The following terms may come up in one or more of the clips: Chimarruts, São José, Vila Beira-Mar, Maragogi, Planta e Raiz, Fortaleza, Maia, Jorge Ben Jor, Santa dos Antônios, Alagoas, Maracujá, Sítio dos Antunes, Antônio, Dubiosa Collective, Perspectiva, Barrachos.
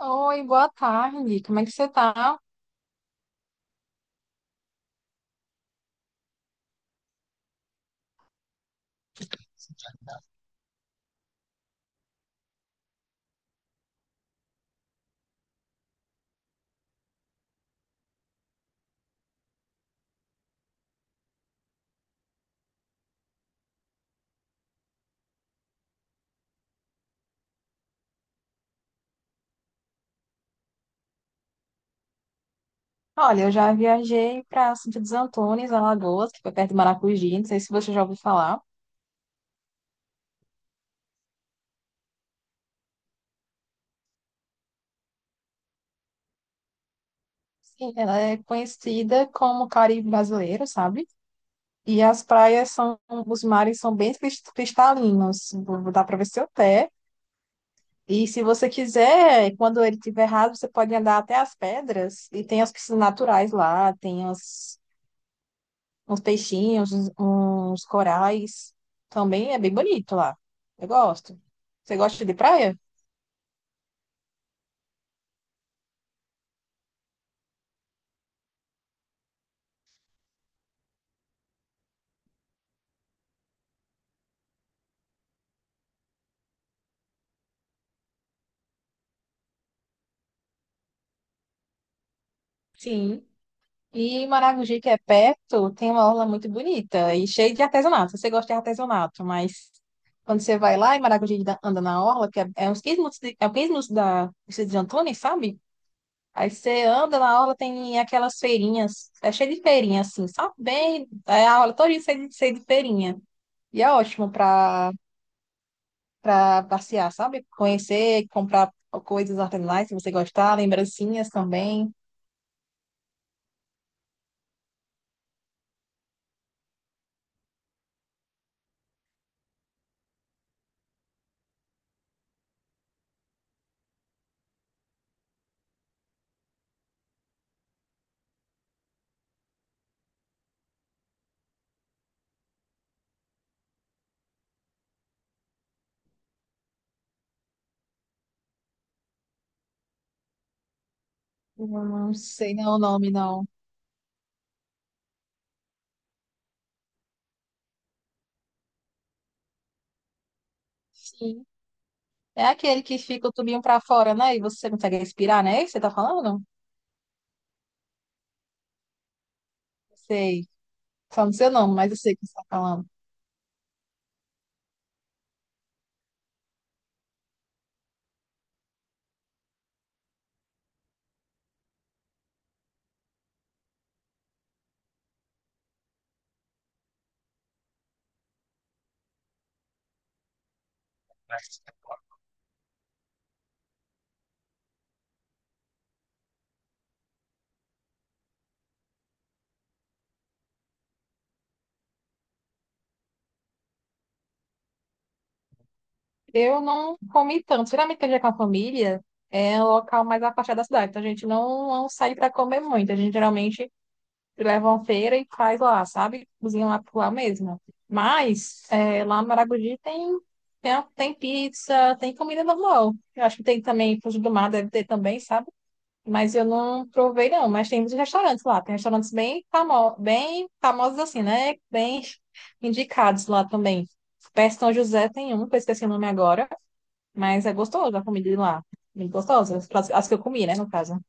Oi, boa tarde. Como é que você tá? Olha, eu já viajei para Santa dos Antônios, Alagoas, que foi perto de Maracujá. Não sei se você já ouviu falar. Sim, ela é conhecida como Caribe brasileiro, sabe? E as praias são, os mares são bem cristalinos. Dá para ver seu pé. E se você quiser, quando ele estiver raso, você pode andar até as pedras. E tem as piscinas naturais lá, tem as uns peixinhos, uns corais. Também é bem bonito lá. Eu gosto. Você gosta de praia? Sim. E Maragogi, que é perto, tem uma orla muito bonita e cheia de artesanato. Você gosta de artesanato, mas quando você vai lá e anda na orla, que é, é uns 15 minutos, de, é 15 minutos da Cidade de Antônio, sabe? Aí você anda na orla, tem aquelas feirinhas, é cheio de feirinha, assim, sabe? Bem, é a orla toda cheia de feirinha. E é ótimo para passear, sabe? Conhecer, comprar coisas artesanais, se você gostar, lembrancinhas também. Eu não sei não o nome, não. Sim. É aquele que fica o tubinho para fora, né? E você consegue respirar, né? É isso que você tá falando? Sei. Só não sei o nome, mas eu sei o que você tá falando. Eu não comi tanto. Geralmente, quando a gente é com a família, é um local mais afastado da cidade. Então, a gente não sai para comer muito. A gente geralmente leva uma feira e faz lá, sabe? Cozinha lá por lá mesmo. Mas é, lá no Maragogi tem pizza, tem comida normal. Eu acho que tem também, frutos do mar deve ter também, sabe? Mas eu não provei, não. Mas tem muitos restaurantes lá. Tem restaurantes bem famosos, assim, né? Bem indicados lá também. Perto de São José tem um, que eu esqueci o nome agora. Mas é gostoso a comida de lá. Bem gostosa. As que eu comi, né, no caso.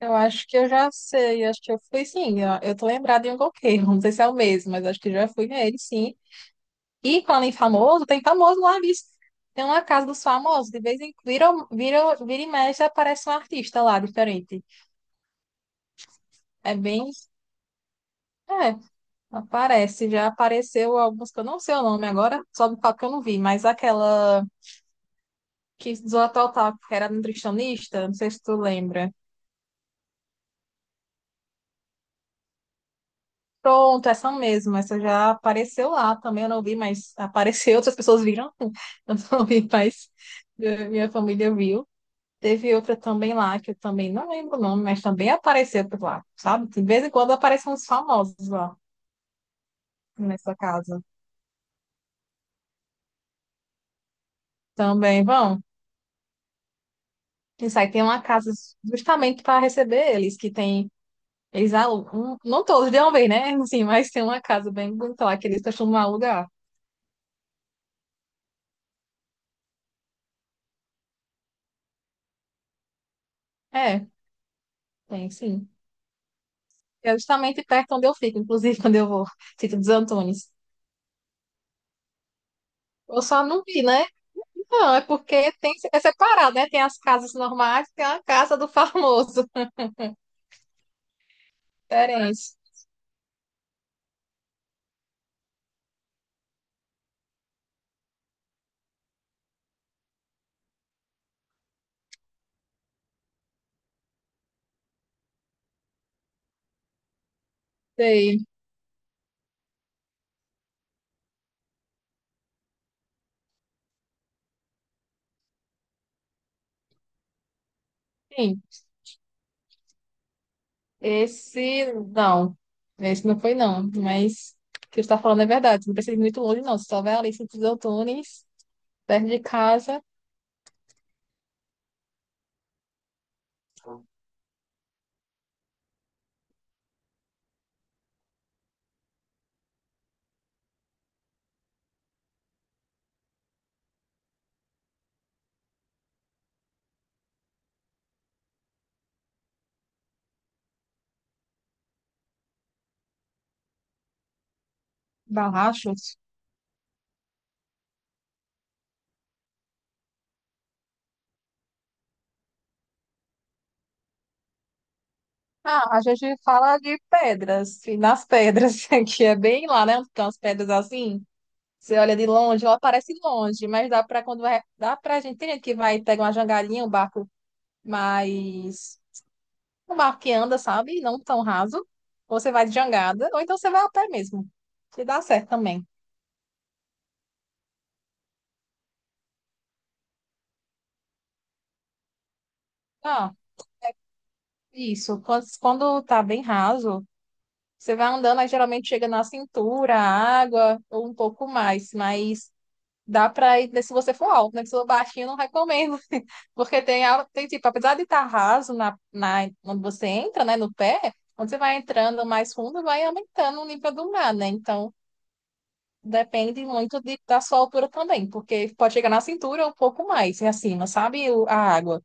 Eu acho que eu já sei, acho que eu fui sim, eu tô lembrada em um coqueiro, não sei se é o mesmo, mas acho que já fui nele, sim. E quando em famoso, tem famoso lá, bicho. Tem uma casa dos famosos, de vez em quando, vira e mexe, aparece um artista lá, diferente. É bem, é, Aparece, já apareceu alguns que eu não sei o nome agora, só do palco que eu não vi, mas aquela que zoa total, que era nutricionista, não sei se tu lembra. Pronto, essa mesmo, essa já apareceu lá também, eu não vi, mas apareceu, outras pessoas viram, eu não vi, mas minha família viu. Teve outra também lá, que eu também não lembro o nome, mas também apareceu por lá, sabe? De vez em quando aparecem uns famosos lá nessa casa. Também vão. Isso aí tem uma casa justamente para receber eles, que tem, eles alugam, não todos de uma vez, né? Sim, mas tem uma casa bem bonita lá que eles costumam alugar. É, tem sim. É justamente perto onde eu fico, inclusive quando eu vou, Sítio dos Antunes. Eu só não vi, né? Não, é porque tem, é separado, né? Tem as casas normais, tem a casa do famoso. Diferente. Sei. Sim, esse não. Esse não foi, não. Mas o que você está falando é verdade. Não precisa ir muito longe, não. Se só vai ali, Sítio dos Antunes, perto de casa, Barrachos. Ah, a gente fala de pedras, e nas pedras, que é bem lá, né? Onde estão as pedras assim. Você olha de longe, ela parece longe, mas dá para quando vai, dá para gente, tem gente que vai pega uma jangadinha, um barco mais um barco que anda, sabe? Não tão raso. Ou você vai de jangada, ou então você vai a pé mesmo. Que dá certo também. Ah, isso. Quando tá bem raso, você vai andando, aí geralmente chega na cintura, a água, ou um pouco mais, mas dá pra ir, né, se você for alto, né? Se for baixinho, eu não recomendo. Porque tem tipo, apesar de estar raso onde você entra, né, no pé, quando você vai entrando mais fundo, vai aumentando o nível do mar, né? Então, depende muito da sua altura também, porque pode chegar na cintura ou um pouco mais, e acima, sabe? A água.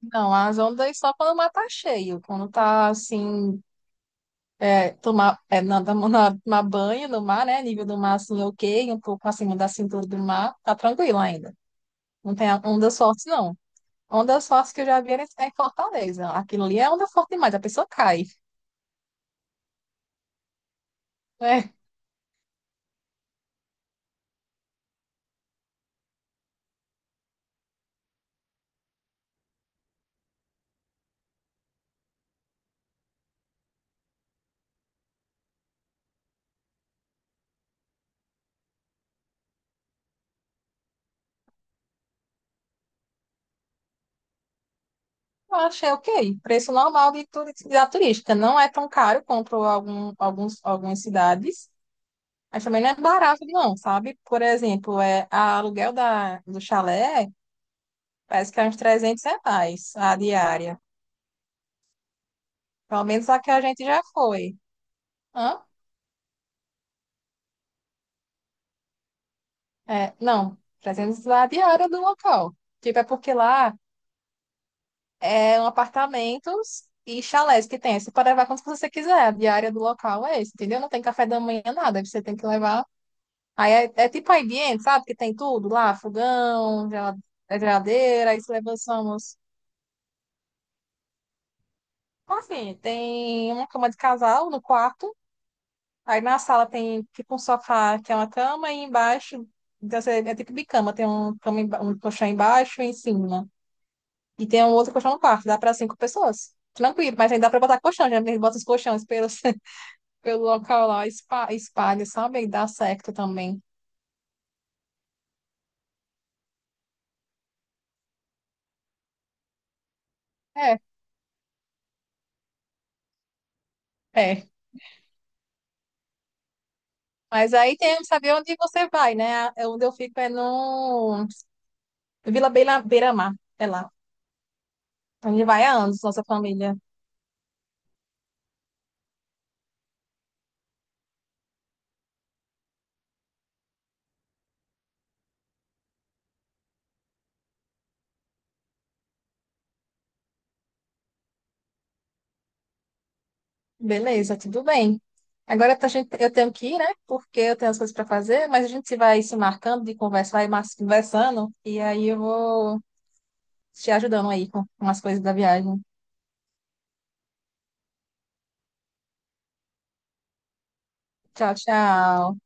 Não, as ondas só quando o mar tá cheio, quando tá assim. É, tomar, é, na, na, na- Tomar banho no mar, né? Nível do mar assim, ok, um pouco acima da cintura do mar, tá tranquilo ainda. Não tem onda forte, não. Onda forte que eu já vi era em Fortaleza. Aquilo ali é onda forte demais, a pessoa cai. É, eu achei ok. Preço normal da turística. Não é tão caro quanto algumas cidades, mas também não é barato, não, sabe? Por exemplo, é, a aluguel do chalé parece que é uns R$ 300 a diária. Pelo menos a que a gente já foi. Hã? É, não, 300 a diária do local. Tipo, é porque lá. É um apartamentos e chalés que tem. Você pode levar quanto você quiser. A diária do local é esse, entendeu? Não tem café da manhã, nada. Aí você tem que levar. Aí é, é tipo a ambiente, sabe? Que tem tudo lá, fogão, é geladeira, aí você leva só umas. Enfim, tem uma cama de casal no quarto. Aí na sala tem tipo um sofá que é uma cama, e embaixo então, você é tipo bicama, tem um, um colchão embaixo e em cima. E tem um outro colchão no quarto, dá para cinco pessoas. Tranquilo, mas ainda dá pra botar colchão, já bota os colchões pelo local lá, espalha, sabe? E dá certo também. É, é. Mas aí tem que saber onde você vai, né? É, onde eu fico é no Beira-Mar, é lá. Onde vai há anos, nossa família. Beleza, tudo bem. Agora eu tenho que ir, né? Porque eu tenho as coisas para fazer, mas a gente vai se marcando de conversar e conversando. E aí eu vou te ajudando aí com as coisas da viagem. Tchau, tchau.